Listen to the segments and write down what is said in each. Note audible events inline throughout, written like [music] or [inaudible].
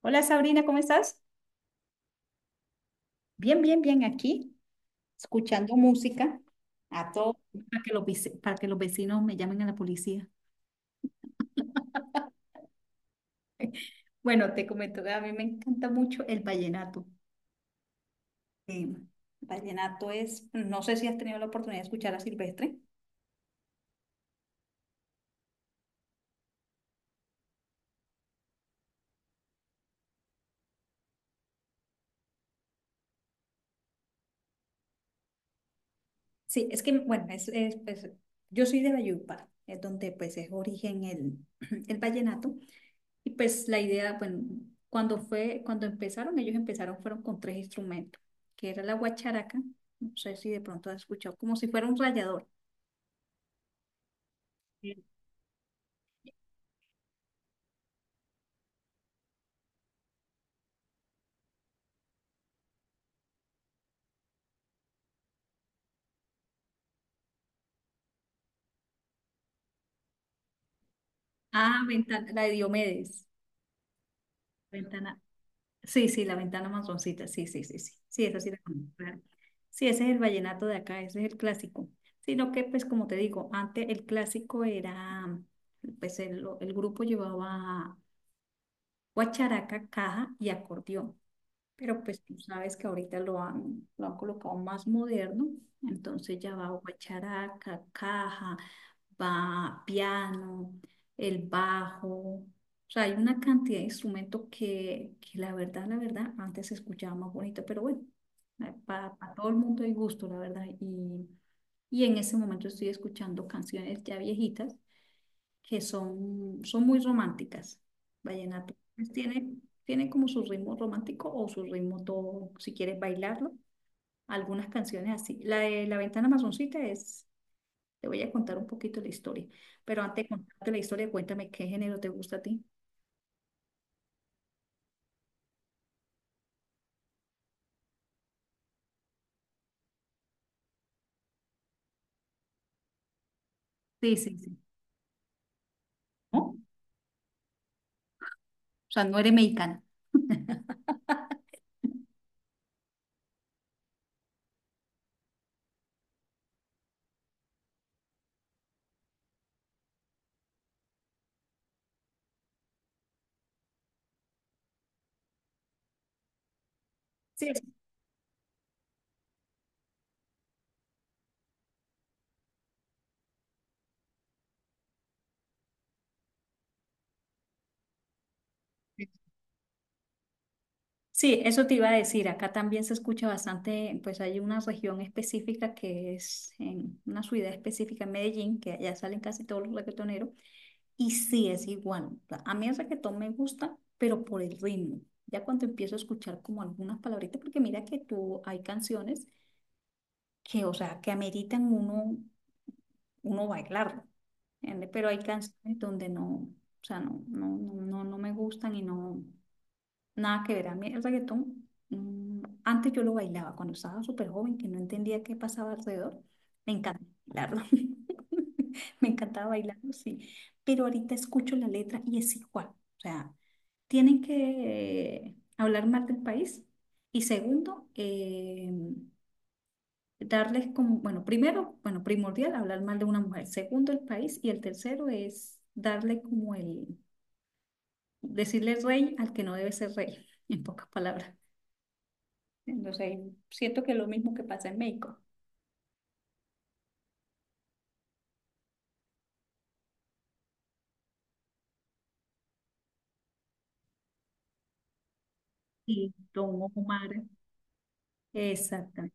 Hola Sabrina, ¿cómo estás? Bien, bien, bien aquí, escuchando música a todo. Para que para que los vecinos me llamen a la policía. [laughs] Bueno, te comento que a mí me encanta mucho el vallenato. Eh, Vallenato es, no sé si has tenido la oportunidad de escuchar a Silvestre. Sí, es que, bueno, es, pues, yo soy de Valledupar, es donde pues es origen el, [clears throat] el vallenato. Y pues la idea, bueno, cuando fue, cuando empezaron, ellos empezaron, fueron con tres instrumentos, que era la guacharaca, no sé si de pronto has escuchado, como si fuera un rallador. Sí. Ah, ventana, la de Diomedes, ventana, sí, sí, la ventana masoncita, sí, sí, sí, sí, sí, esa sí la conozco, claro. Sí, ese es el vallenato de acá, ese es el clásico. Sino que, pues como te digo, antes el clásico era, pues el grupo llevaba guacharaca, caja y acordeón. Pero pues tú sabes que ahorita lo han colocado más moderno, entonces ya va guacharaca, caja, va piano, el bajo, o sea, hay una cantidad de instrumentos que la verdad, antes se escuchaba más bonito, pero bueno, para todo el mundo hay gusto, la verdad, y en ese momento estoy escuchando canciones ya viejitas que son muy románticas. Vallenato. Pues tiene como su ritmo romántico o su ritmo todo, si quieres bailarlo. Algunas canciones así. La de La Ventana Masoncita es, te voy a contar un poquito la historia, pero antes de contarte la historia, cuéntame qué género te gusta a ti. Sí, sí, sí. ¿No? O sea, no eres mexicana. [laughs] Sí, sí, eso te iba a decir. Acá también se escucha bastante, pues hay una región específica que es en una ciudad específica en Medellín, que allá salen casi todos los reggaetoneros. Y sí, es igual. O sea, a mí el reggaetón me gusta, pero por el ritmo. Ya cuando empiezo a escuchar como algunas palabritas, porque mira que tú hay canciones que, o sea, que ameritan uno bailarlo, ¿entiende? Pero hay canciones donde no, o sea, no, no, no, no, no me gustan y no. Nada que ver. A mí el reggaetón, antes yo lo bailaba cuando estaba súper joven, que no entendía qué pasaba alrededor. Me encanta bailarlo. [laughs] Me encantaba bailarlo, sí. Pero ahorita escucho la letra y es igual. O sea, tienen que hablar más del país y segundo, darles como, bueno, primero, bueno, primordial, hablar mal de una mujer. Segundo, el país. Y el tercero es darle como el, decirle rey al que no debe ser rey, [laughs] en pocas palabras. Entonces, siento que es lo mismo que pasa en México. Y tomo fumar. Exactamente.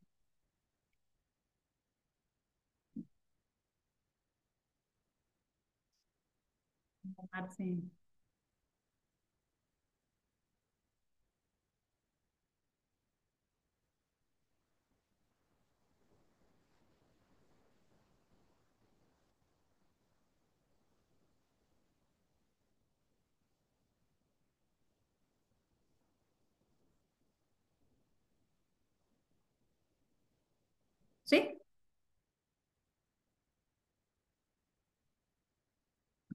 Fumar, sí. Sí,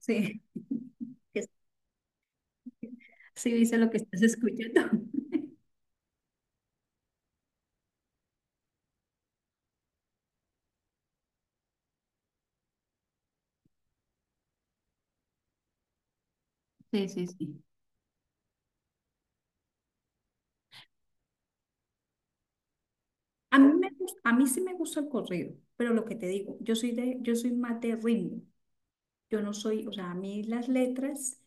sí. [laughs] Es- Sí sí dice lo que estás escuchando. [laughs] Sí, sí, sí. A mí sí me gusta el corrido, pero lo que te digo, yo soy de, yo soy más de ritmo. Yo no soy, o sea, a mí las letras,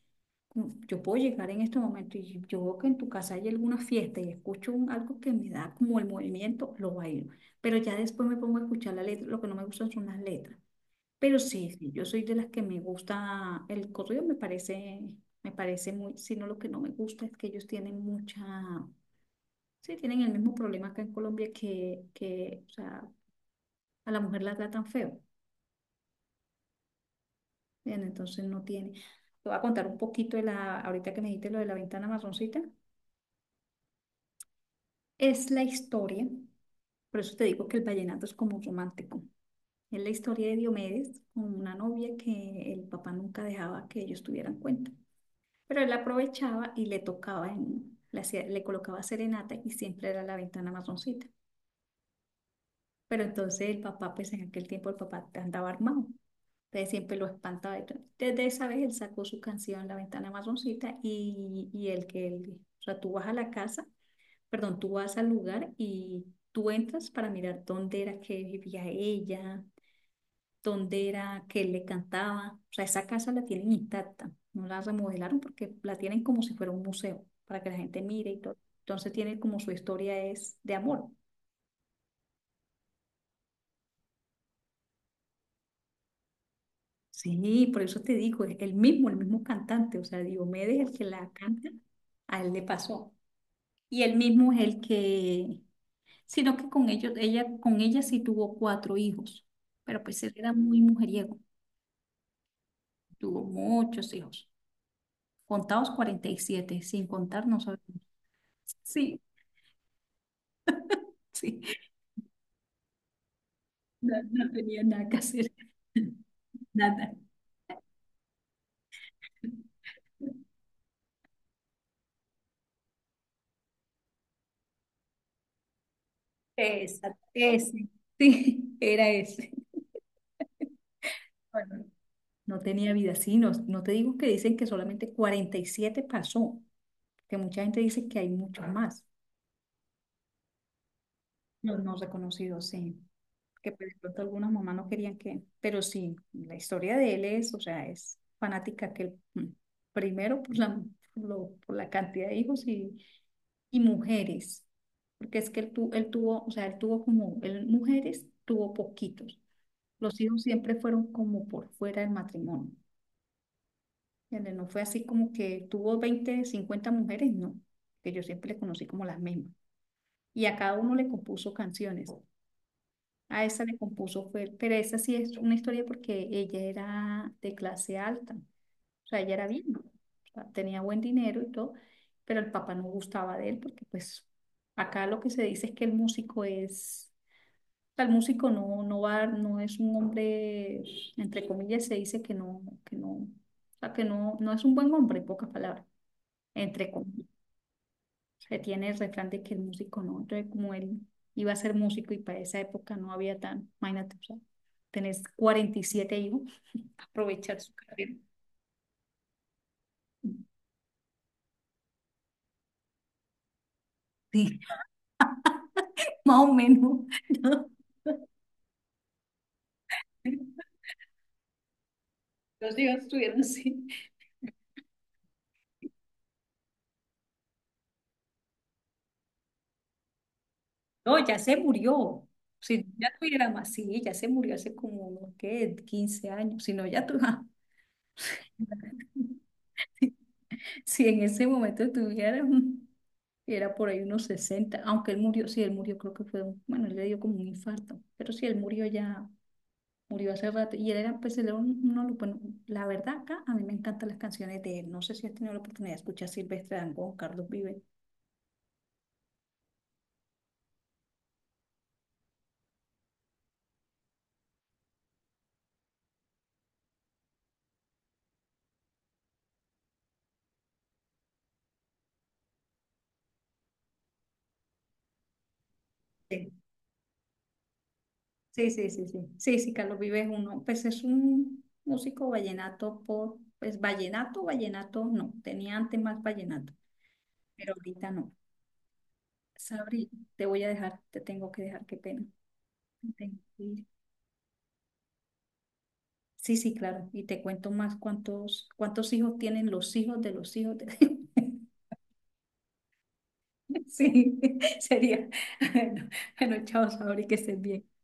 yo puedo llegar en este momento y yo veo que en tu casa hay alguna fiesta y escucho algo que me da como el movimiento, lo bailo. Pero ya después me pongo a escuchar la letra, lo que no me gustan son las letras. Pero sí, sí, yo soy de las que me gusta, el corrido me parece, muy, sino lo que no me gusta es que ellos tienen mucha, sí, tienen el mismo problema acá en Colombia que, o sea, a la mujer la tratan feo. Bien, entonces no tiene. Te voy a contar un poquito de la, ahorita que me dijiste lo de la ventana marroncita. Es la historia, por eso te digo que el vallenato es como romántico. Es la historia de Diomedes con una novia que el papá nunca dejaba que ellos tuvieran cuenta. Pero él aprovechaba y le tocaba, le colocaba serenata y siempre era la ventana marroncita. Pero entonces el papá, pues en aquel tiempo el papá andaba armado. Entonces siempre lo espantaba y todo. Desde esa vez él sacó su canción La Ventana Marroncita y el que él, o sea, tú vas a la casa, perdón, tú vas al lugar y tú entras para mirar dónde era que vivía ella, dónde era que él le cantaba. O sea, esa casa la tienen intacta, no la remodelaron porque la tienen como si fuera un museo para que la gente mire y todo. Entonces tiene como su historia es de amor. Sí, por eso te digo, es el mismo cantante, o sea, Diomedes, el que la canta, a él le pasó. Y él mismo es el que, sino que con ella sí tuvo cuatro hijos, pero pues él era muy mujeriego, tuvo muchos hijos, contados 47 sin contar no sabemos. Sí, sí, [laughs] no, no tenía nada que hacer, [laughs] nada. Exacto, ese, sí, era ese. Bueno, no tenía vida, sí, no, no te digo que dicen que solamente 47 pasó, que mucha gente dice que hay muchos más, los no reconocidos, sí. Que pues, de pronto algunas mamás no querían que, pero sí, la historia de él es, o sea, es fanática que él, primero por por la cantidad de hijos y mujeres, porque es que él, él tuvo, o sea, él tuvo como, él mujeres tuvo poquitos, los hijos siempre fueron como por fuera del matrimonio, ¿entiendes? No fue así como que tuvo 20 50 mujeres, no, que yo siempre le conocí como las mismas, y a cada uno le compuso canciones. A esa le compuso, fue, pero esa sí es una historia porque ella era de clase alta, o sea, ella era bien, ¿no? O sea, tenía buen dinero y todo, pero el papá no gustaba de él porque pues acá lo que se dice es que el músico es, o sea, el músico no, no va, no es un hombre, entre comillas se dice que no, o sea, que no, no es un buen hombre, en pocas palabras, entre comillas. Se tiene el refrán de que el músico no, entonces como él iba a ser músico y para esa época no había tan, imagínate, o sea, tenés 47 hijos, aprovechar su carrera. Sí, [laughs] más o menos. [laughs] ¿No? Los hijos estuvieron así. No, ya se murió. Si no, ya tuviera más, sí, ya se murió hace como, no ¿qué? 15 años. Si no, ya tú, [laughs] si en ese momento tuviera, era por ahí unos 60 aunque él murió, sí, él murió, creo que fue, bueno, él le dio como un infarto, pero sí, él murió ya. Murió hace rato y él era, pues, él era uno, de los buenos. La verdad acá, a mí me encantan las canciones de él. No sé si has tenido la oportunidad de escuchar Silvestre Dangond, Carlos Vives. Sí, sí, sí, sí, sí. Sí, sí, Carlos Vives es uno, pues es un músico vallenato por, pues vallenato, vallenato no, tenía antes más vallenato, pero ahorita no. Sabri, te voy a dejar, te tengo que dejar, qué pena. Tengo que ir. Sí, sí, claro, y te cuento más cuántos hijos tienen los hijos de... [laughs] [laughs] Sí, sería. [laughs] Bueno, bueno, chao, Sabri, que estés bien.